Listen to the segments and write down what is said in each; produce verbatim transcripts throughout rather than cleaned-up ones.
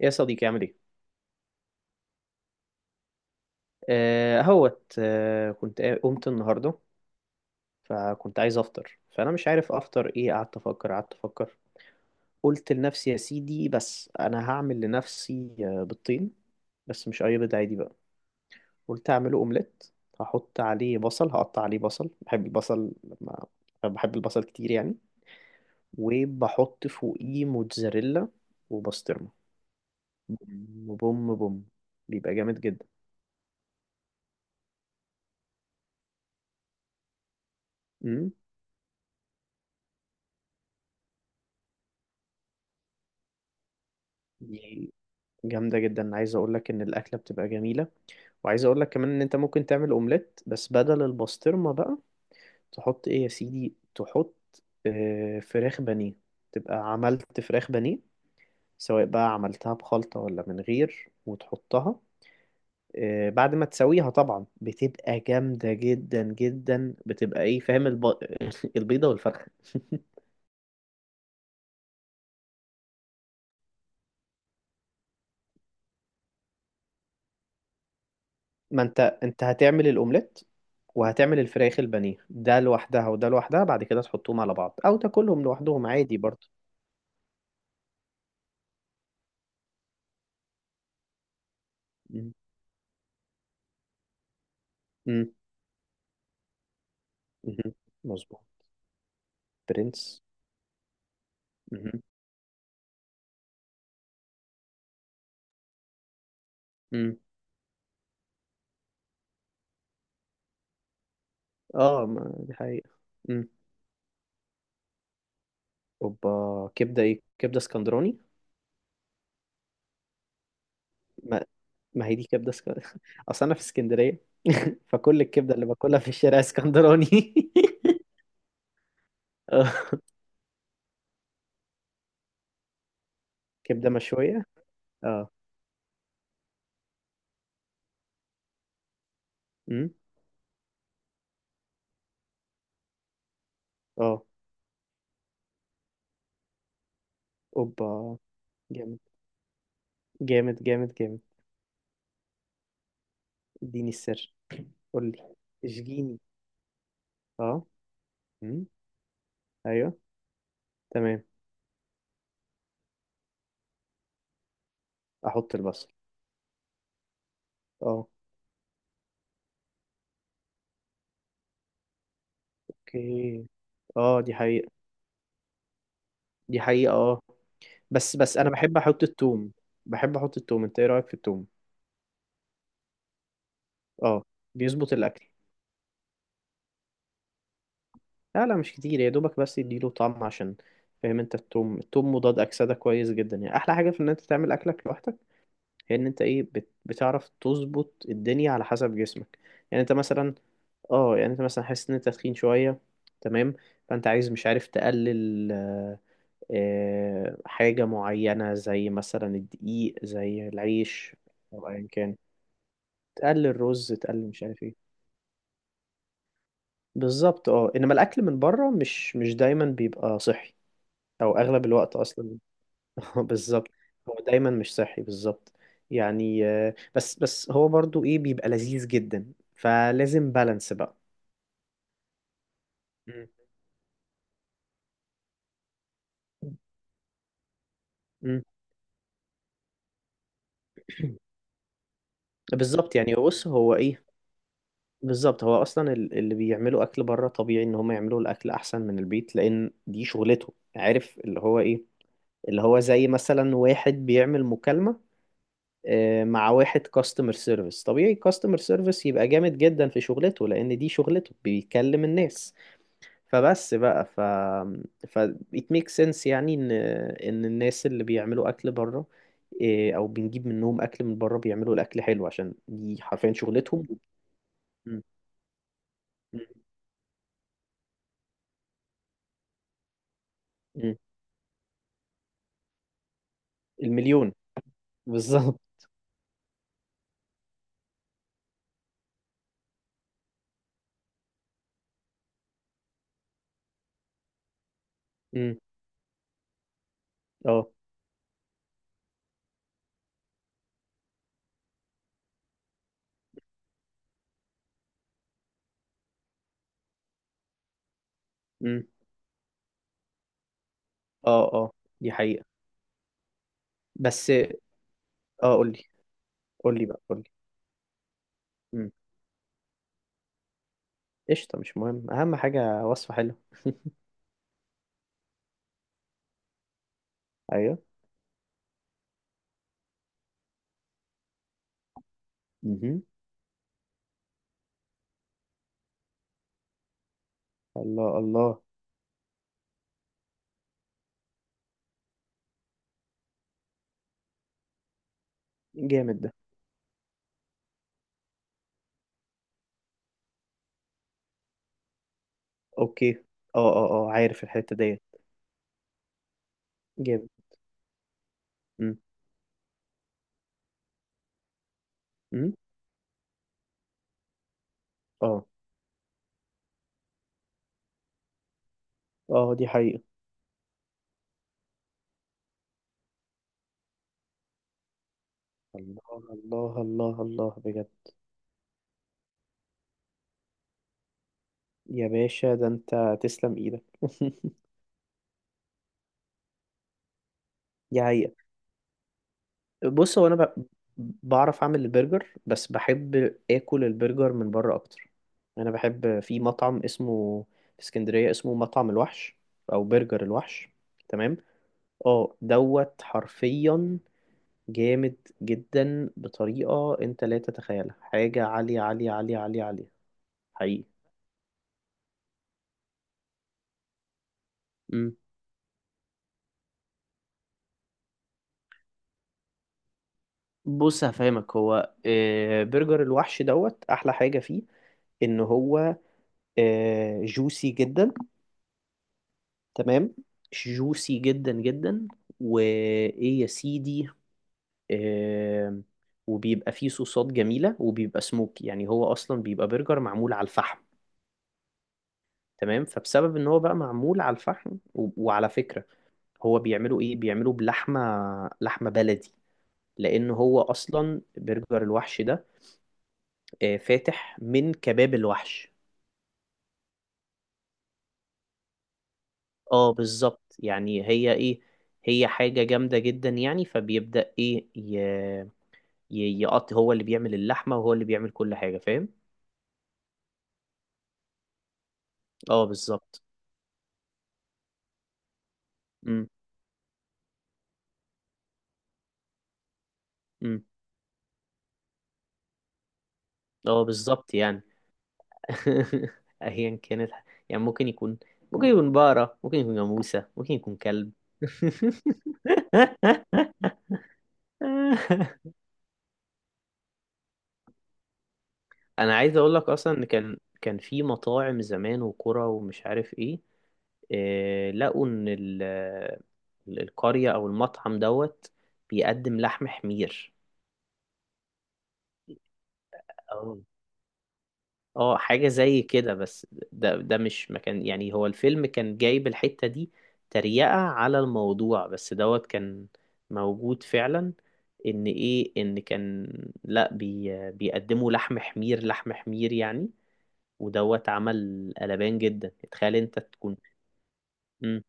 يا صديقي، عامل ايه؟ آه هوت آه كنت قا- قمت النهارده، فكنت عايز افطر، فانا مش عارف افطر ايه. قعدت افكر قعدت افكر قلت لنفسي يا سيدي، بس انا هعمل لنفسي آه، بالطين. بس مش اي بيض عادي بقى، قلت اعمله اومليت. هحط عليه بصل، هقطع عليه بصل، بحب البصل لما بحب البصل كتير يعني. وبحط فوقيه موتزاريلا وبسطرمه. بوم، بوم بوم، بيبقى جامد جدا. امم جامدة جدا. عايز اقول لك ان الاكلة بتبقى جميلة، وعايز اقول لك كمان ان انت ممكن تعمل اومليت، بس بدل البسطرمة بقى تحط ايه يا سيدي؟ تحط آه، فراخ بانيه. تبقى عملت فراخ بانيه، سواء بقى عملتها بخلطة ولا من غير، وتحطها آه، بعد ما تسويها. طبعا بتبقى جامدة جدا جدا، بتبقى ايه؟ فاهم الب... البيضة والفرخة. ما انت انت هتعمل الاومليت وهتعمل الفراخ البانيه، ده لوحدها وده لوحدها، بعد كده تحطهم على بعض او تاكلهم لوحدهم عادي برضه. مم. مم. مم. مظبوط. برنس. مم. مم. اه، ما دي حقيقة. مم. اوبا، كبدة ايه؟ كبدة اسكندراني. ما, ما هي دي كبدة اسكندراني اصل انا في اسكندرية فكل الكبدة اللي باكلها في الشارع اسكندراني آه. كبدة مشوية. اه. مم. اه. اوبا. جامد جامد جامد جامد. اديني السر. قول لي، اشجيني. اه. امم. ايوه، تمام. احط البصل. اه. اوكي، اه دي حقيقة، دي حقيقة اه. بس بس انا بحب احط التوم، بحب احط التوم. انت ايه رأيك في التوم؟ اه، بيظبط الاكل. لا لا، مش كتير، يا دوبك بس يديله طعم، عشان فاهم انت، التوم التوم مضاد اكسدة كويس جدا. يعني احلى حاجة في ان انت تعمل اكلك لوحدك هي ان انت ايه، بت... بتعرف تظبط الدنيا على حسب جسمك. يعني انت مثلا، اه، يعني انت مثلا حاسس ان انت تخين شوية، تمام، فانت عايز مش عارف تقلل آه، آه، حاجة معينة، زي مثلا الدقيق، زي العيش، او ايا كان. تقلل رز، تقلل مش عارف ايه. بالظبط اه، انما الاكل من بره مش مش دايما بيبقى صحي، او اغلب الوقت اصلا. بالظبط، هو دايما مش صحي بالظبط. يعني آه، بس بس هو برضو ايه، بيبقى لذيذ جدا، فلازم بالانس بقى. مم. مم. بالظبط يعني. بص هو ايه، بالظبط. هو اصلا ال- اللي بيعملوا اكل بره طبيعي ان هم يعملوا الاكل احسن من البيت، لان دي شغلته، عارف اللي هو ايه. اللي هو زي مثلا واحد بيعمل مكالمة آه، مع واحد كاستمر سيرفيس، طبيعي كاستمر سيرفيس يبقى جامد جدا في شغلته، لان دي شغلته، بيكلم الناس. فبس بقى ف ف it makes sense يعني ان ان الناس اللي بيعملوا اكل بره آه، او بنجيب منهم اكل من بره، بيعملوا الاكل حلو عشان دي حرفيا شغلتهم. م- م- م. المليون بالظبط. امم. اه. امم. اه اه دي حقيقة. بس. اه قول لي، قول لي بقى قول لي امم. قشطة، مش مهم، أهم حاجة وصفة حلوة. أيوه. امم. الله الله. جامد ده. أوكي. اه اه اه، عارف الحتة ديت. جامد. امم. امم. اه. اه دي حقيقة. الله الله الله الله بجد. يا باشا، ده أنت، تسلم إيدك دي حقيقة. بص هو انا ب... بعرف اعمل البرجر، بس بحب اكل البرجر من بره اكتر. انا بحب في مطعم اسمه، في اسكندريه، اسمه مطعم الوحش، او برجر الوحش. تمام. اه دوت حرفيا جامد جدا، بطريقه انت لا تتخيلها، حاجه عاليه عاليه عاليه عاليه عاليه حقيقي. مم. بص هفهمك، هو آه، برجر الوحش دوت، احلى حاجه فيه ان هو جوسي جدا. تمام. جوسي جدا جدا. وايه يا سيدي، آه، وبيبقى فيه صوصات جميلة، وبيبقى سموك. يعني هو أصلا بيبقى برجر معمول على الفحم. تمام. فبسبب إن هو بقى معمول على الفحم و... وعلى فكرة، هو بيعملوا إيه، بيعملوا بلحمة، لحمة بلدي، لأن هو أصلا برجر الوحش ده آه فاتح من كباب الوحش. اه بالظبط. يعني هي إيه، هي حاجة جامدة جدا. يعني فبيبدأ إيه ي... ي- يقط، هو اللي بيعمل اللحمة وهو اللي بيعمل كل حاجة، فاهم. اه بالظبط. امم. امم. اه بالظبط يعني. ايا كانت، يعني ممكن يكون، ممكن يكون بقرة، ممكن يكون جاموسة، ممكن يكون كلب انا عايز اقول لك اصلا ان كان كان في مطاعم زمان، وكرة ومش عارف ايه، آه، لقوا ان ال- ال- القرية او المطعم دوت بيقدم لحم حمير. اه. اه حاجة زي كده، بس ده ده مش مكان. يعني هو الفيلم كان جايب الحتة دي تريقة على الموضوع، بس دوت كان موجود فعلا. ان ايه، ان كان، لا بي بيقدموا لحم حمير، لحم حمير يعني، ودوت عمل قلبان جدا. تخيل انت تكون. مم.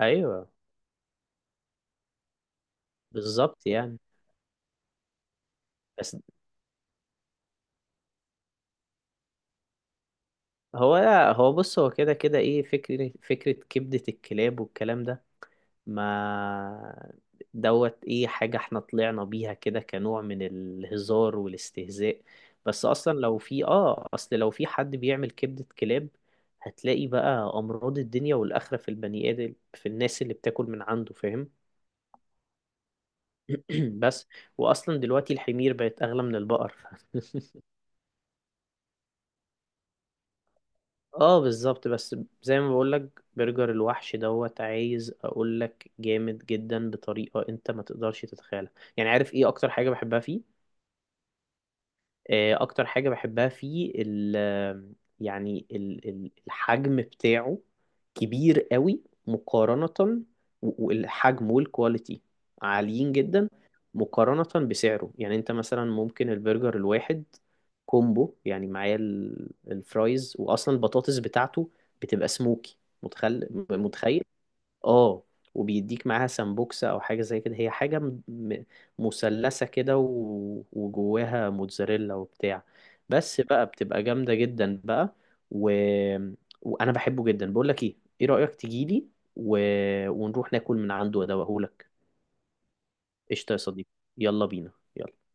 ايوه بالظبط يعني. بس هو هو بص، هو كده كده ايه، فكرة فكرة كبدة الكلاب والكلام ده. ما دوت ايه، حاجة احنا طلعنا بيها كده كنوع من الهزار والاستهزاء. بس اصلا لو في، اه اصل لو في حد بيعمل كبدة كلاب، هتلاقي بقى امراض الدنيا والاخرة في البني ادم، في الناس اللي بتاكل من عنده، فاهم. بس واصلا دلوقتي الحمير بقت اغلى من البقر. اه بالظبط. بس زي ما بقولك، برجر الوحش دوت عايز اقولك جامد جدا، بطريقة انت ما تقدرش تتخيلها. يعني عارف ايه اكتر حاجة بحبها فيه؟ آه، اكتر حاجة بحبها فيه ال، يعني ال ال- الحجم بتاعه كبير قوي مقارنة، و- والحجم والكواليتي عاليين جدا مقارنة بسعره. يعني انت مثلا ممكن البرجر الواحد كومبو، يعني معاه ال- الفرايز، واصلا البطاطس بتاعته بتبقى سموكي، متخيل؟ متخيل اه، وبيديك معاها سمبوكسة او حاجة زي كده، هي حاجة م- م- مثلثة كده و- وجواها موتزاريلا وبتاع. بس بقى بتبقى جامدة جدا بقى. و... وانا بحبه جدا. بقول لك ايه، ايه رأيك تجيلي و... ونروح ناكل من عنده وادوقهولك. قشطة يا صديقي، يلا بينا، يلا.